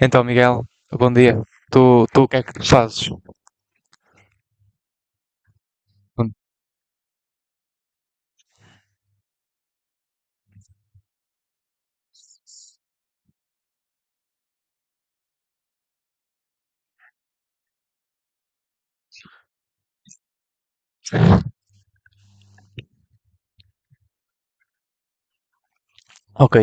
Então, Miguel, bom dia. Tu o que é que tu fazes? Ok,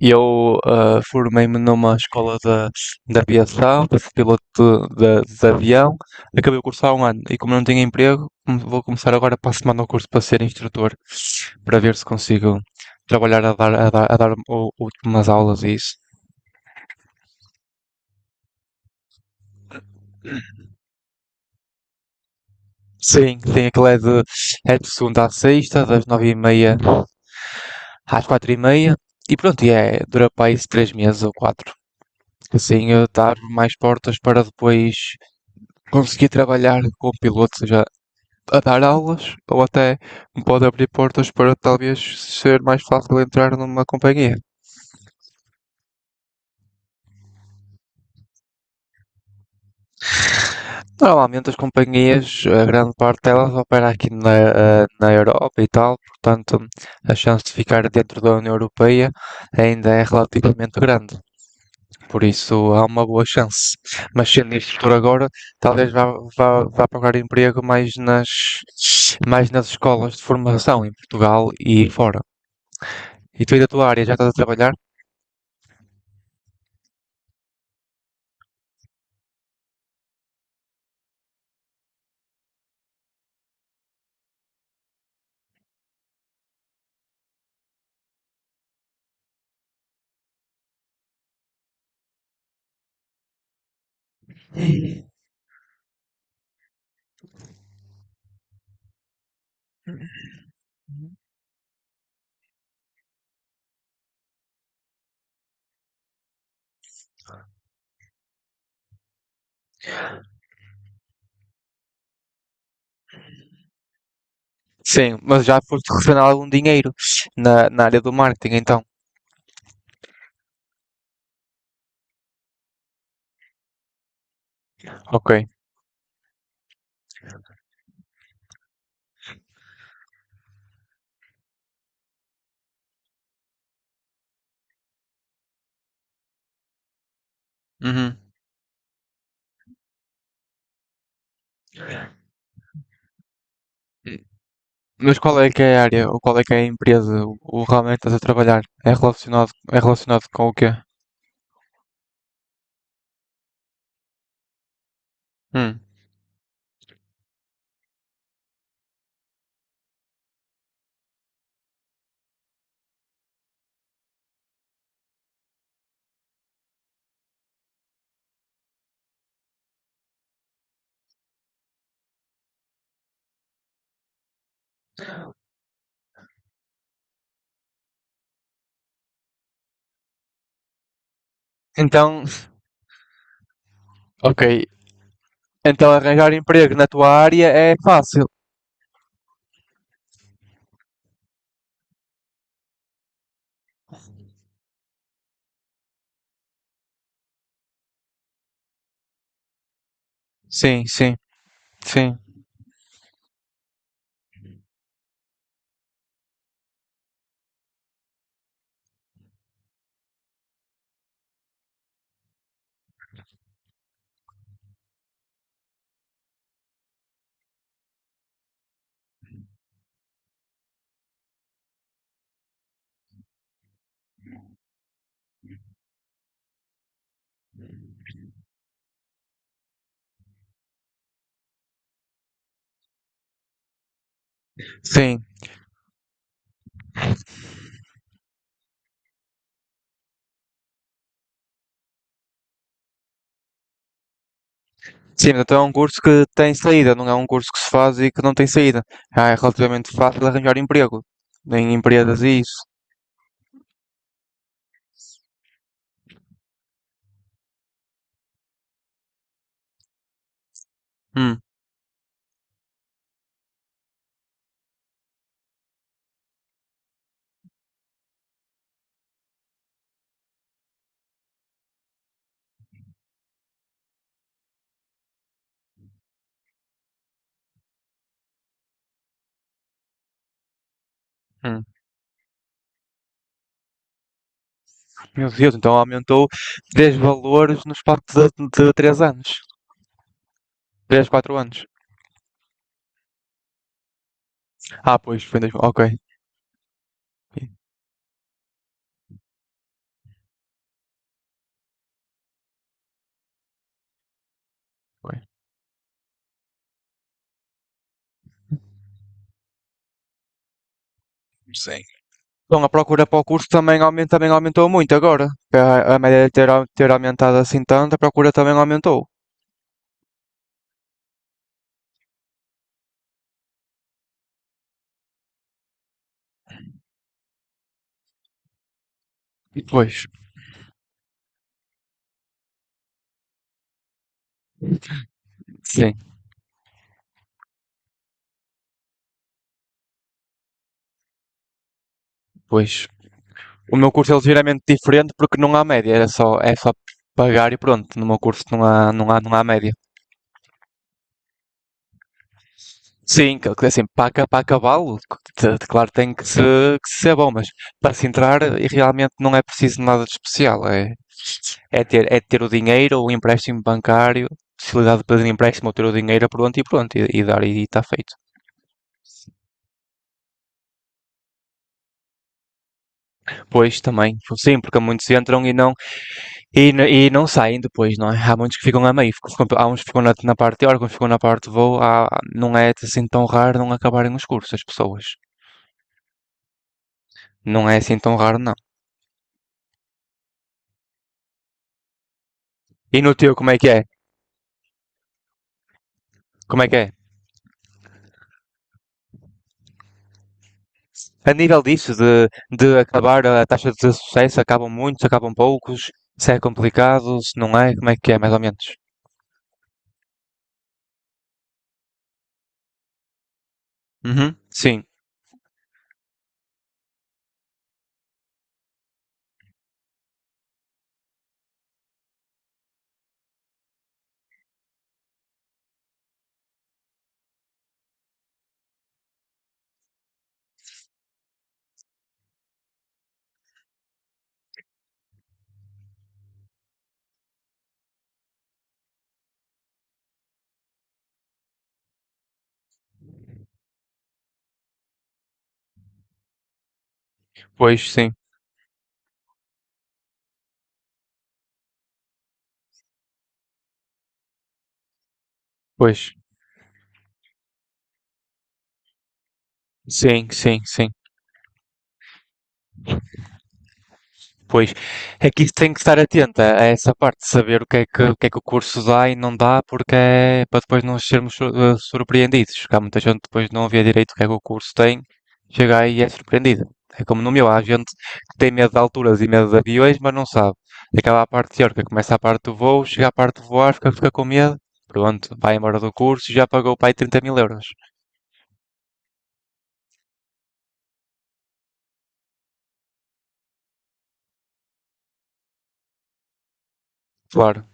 eu formei-me numa escola da aviação, para ser piloto de avião. Acabei o curso há um ano e como não tinha emprego, vou começar agora para a semana o curso para ser instrutor, para ver se consigo trabalhar a dar umas aulas e isso. Sim, sim, aquilo é de segunda à sexta, das nove e meia às quatro e meia. E pronto, e é, dura para aí três meses ou quatro. Assim a dar mais portas para depois conseguir trabalhar como piloto, seja a dar aulas ou até me pode abrir portas para talvez ser mais fácil entrar numa companhia. Normalmente as companhias, a grande parte delas opera aqui na, na Europa e tal, portanto a chance de ficar dentro da União Europeia ainda é relativamente grande. Por isso há uma boa chance. Mas sendo isto por agora, talvez vá procurar emprego mais nas escolas de formação em Portugal e fora. E tu aí da tua área já estás a trabalhar? Sim, mas já foste receber algum dinheiro na área do marketing, então. Ok. Uhum. Mas qual é que é a área, ou qual é que é a empresa, o realmente estás a trabalhar? É relacionado com o quê? Hum. Então, ok. Então arranjar emprego na tua área é fácil. Sim, sim. Sim, sim. Sim, então é um curso que tem saída, não é um curso que se faz e que não tem saída. Ah, é relativamente fácil arranjar emprego em empresas e isso. Hum, hum. Meu Deus, então aumentou 10 valores no espaço de 3 anos. Três 4 anos. Ah, pois, foi em 2000. Ok. Foi. Sim. Então a procura para o curso também, aumenta, também aumentou muito agora. A média de ter, ter aumentado assim tanto, a procura também aumentou. E depois sim. Pois. O meu curso é ligeiramente diferente porque não há média, é só pagar e pronto. No meu curso não há média. Sim, que assim, para, para acabá-lo, claro, tem que, se, que ser bom, mas para se entrar e realmente não é preciso nada de especial. É, é ter o dinheiro, o empréstimo bancário, possibilidade de pedir empréstimo ou ter o dinheiro pronto e pronto, e dar e está feito. Pois também, sim, porque muitos entram e não, e, e não saem depois, não é? Há muitos que ficam a meio, há uns que ficam na parte teórica, uns que ficam na parte de voo, não é assim tão raro não acabarem os cursos, as pessoas. Não é assim tão raro, não. E no teu, como é que é? Como é que é? A nível disso, de acabar a taxa de sucesso, acabam muitos, acabam poucos, se é complicado, se não é, como é que é, mais ou menos? Uhum, sim, pois, sim, pois, sim, sim, sim. Pois, é que isso tem que estar atenta a essa parte de saber o que é que, o que é que o curso dá e não dá, porque é para depois não sermos surpreendidos. Porque há muita gente que depois não vê direito o que é que o curso tem, chega aí e é surpreendida. É como no meu, há gente que tem medo de alturas e medo de aviões, mas não sabe. Acaba a parte teórica, começa a parte do voo, chega à parte de voar, fica com medo, pronto, vai embora do curso e já pagou para aí 30 mil euros. Claro,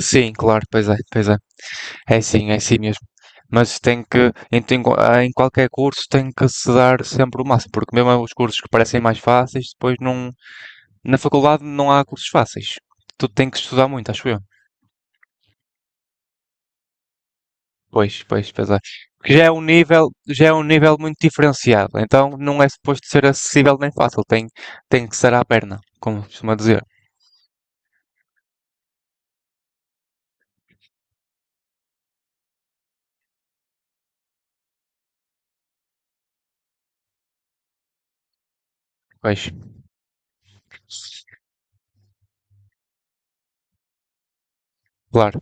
sim, claro, pois é, pois é. É sim mesmo. Mas tem que, em, em qualquer curso, tem que se dar sempre o máximo, porque mesmo os cursos que parecem mais fáceis, depois não, na faculdade não há cursos fáceis. Tu tem que estudar muito, acho eu. Pois, pois, pois é. Porque já é um nível, já é um nível muito diferenciado, então não é suposto ser acessível nem fácil, tem, tem que ser à perna, como costuma dizer. Pois, claro.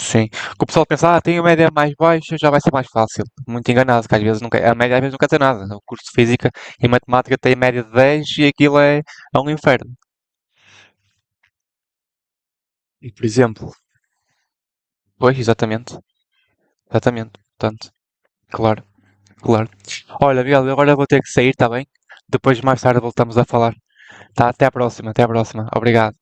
Sim. Que o pessoal pensa, ah, tem a média mais baixa, já vai ser mais fácil. Muito enganado, que às vezes nunca, a média às vezes nunca quer nada. O curso de Física e Matemática tem média de 10 e aquilo é, é um inferno. E por exemplo, pois, exatamente, exatamente. Portanto, claro, claro. Olha, Miguel, eu agora vou ter que sair, está bem? Depois mais tarde voltamos a falar. Tá? Até à próxima, até à próxima. Obrigado.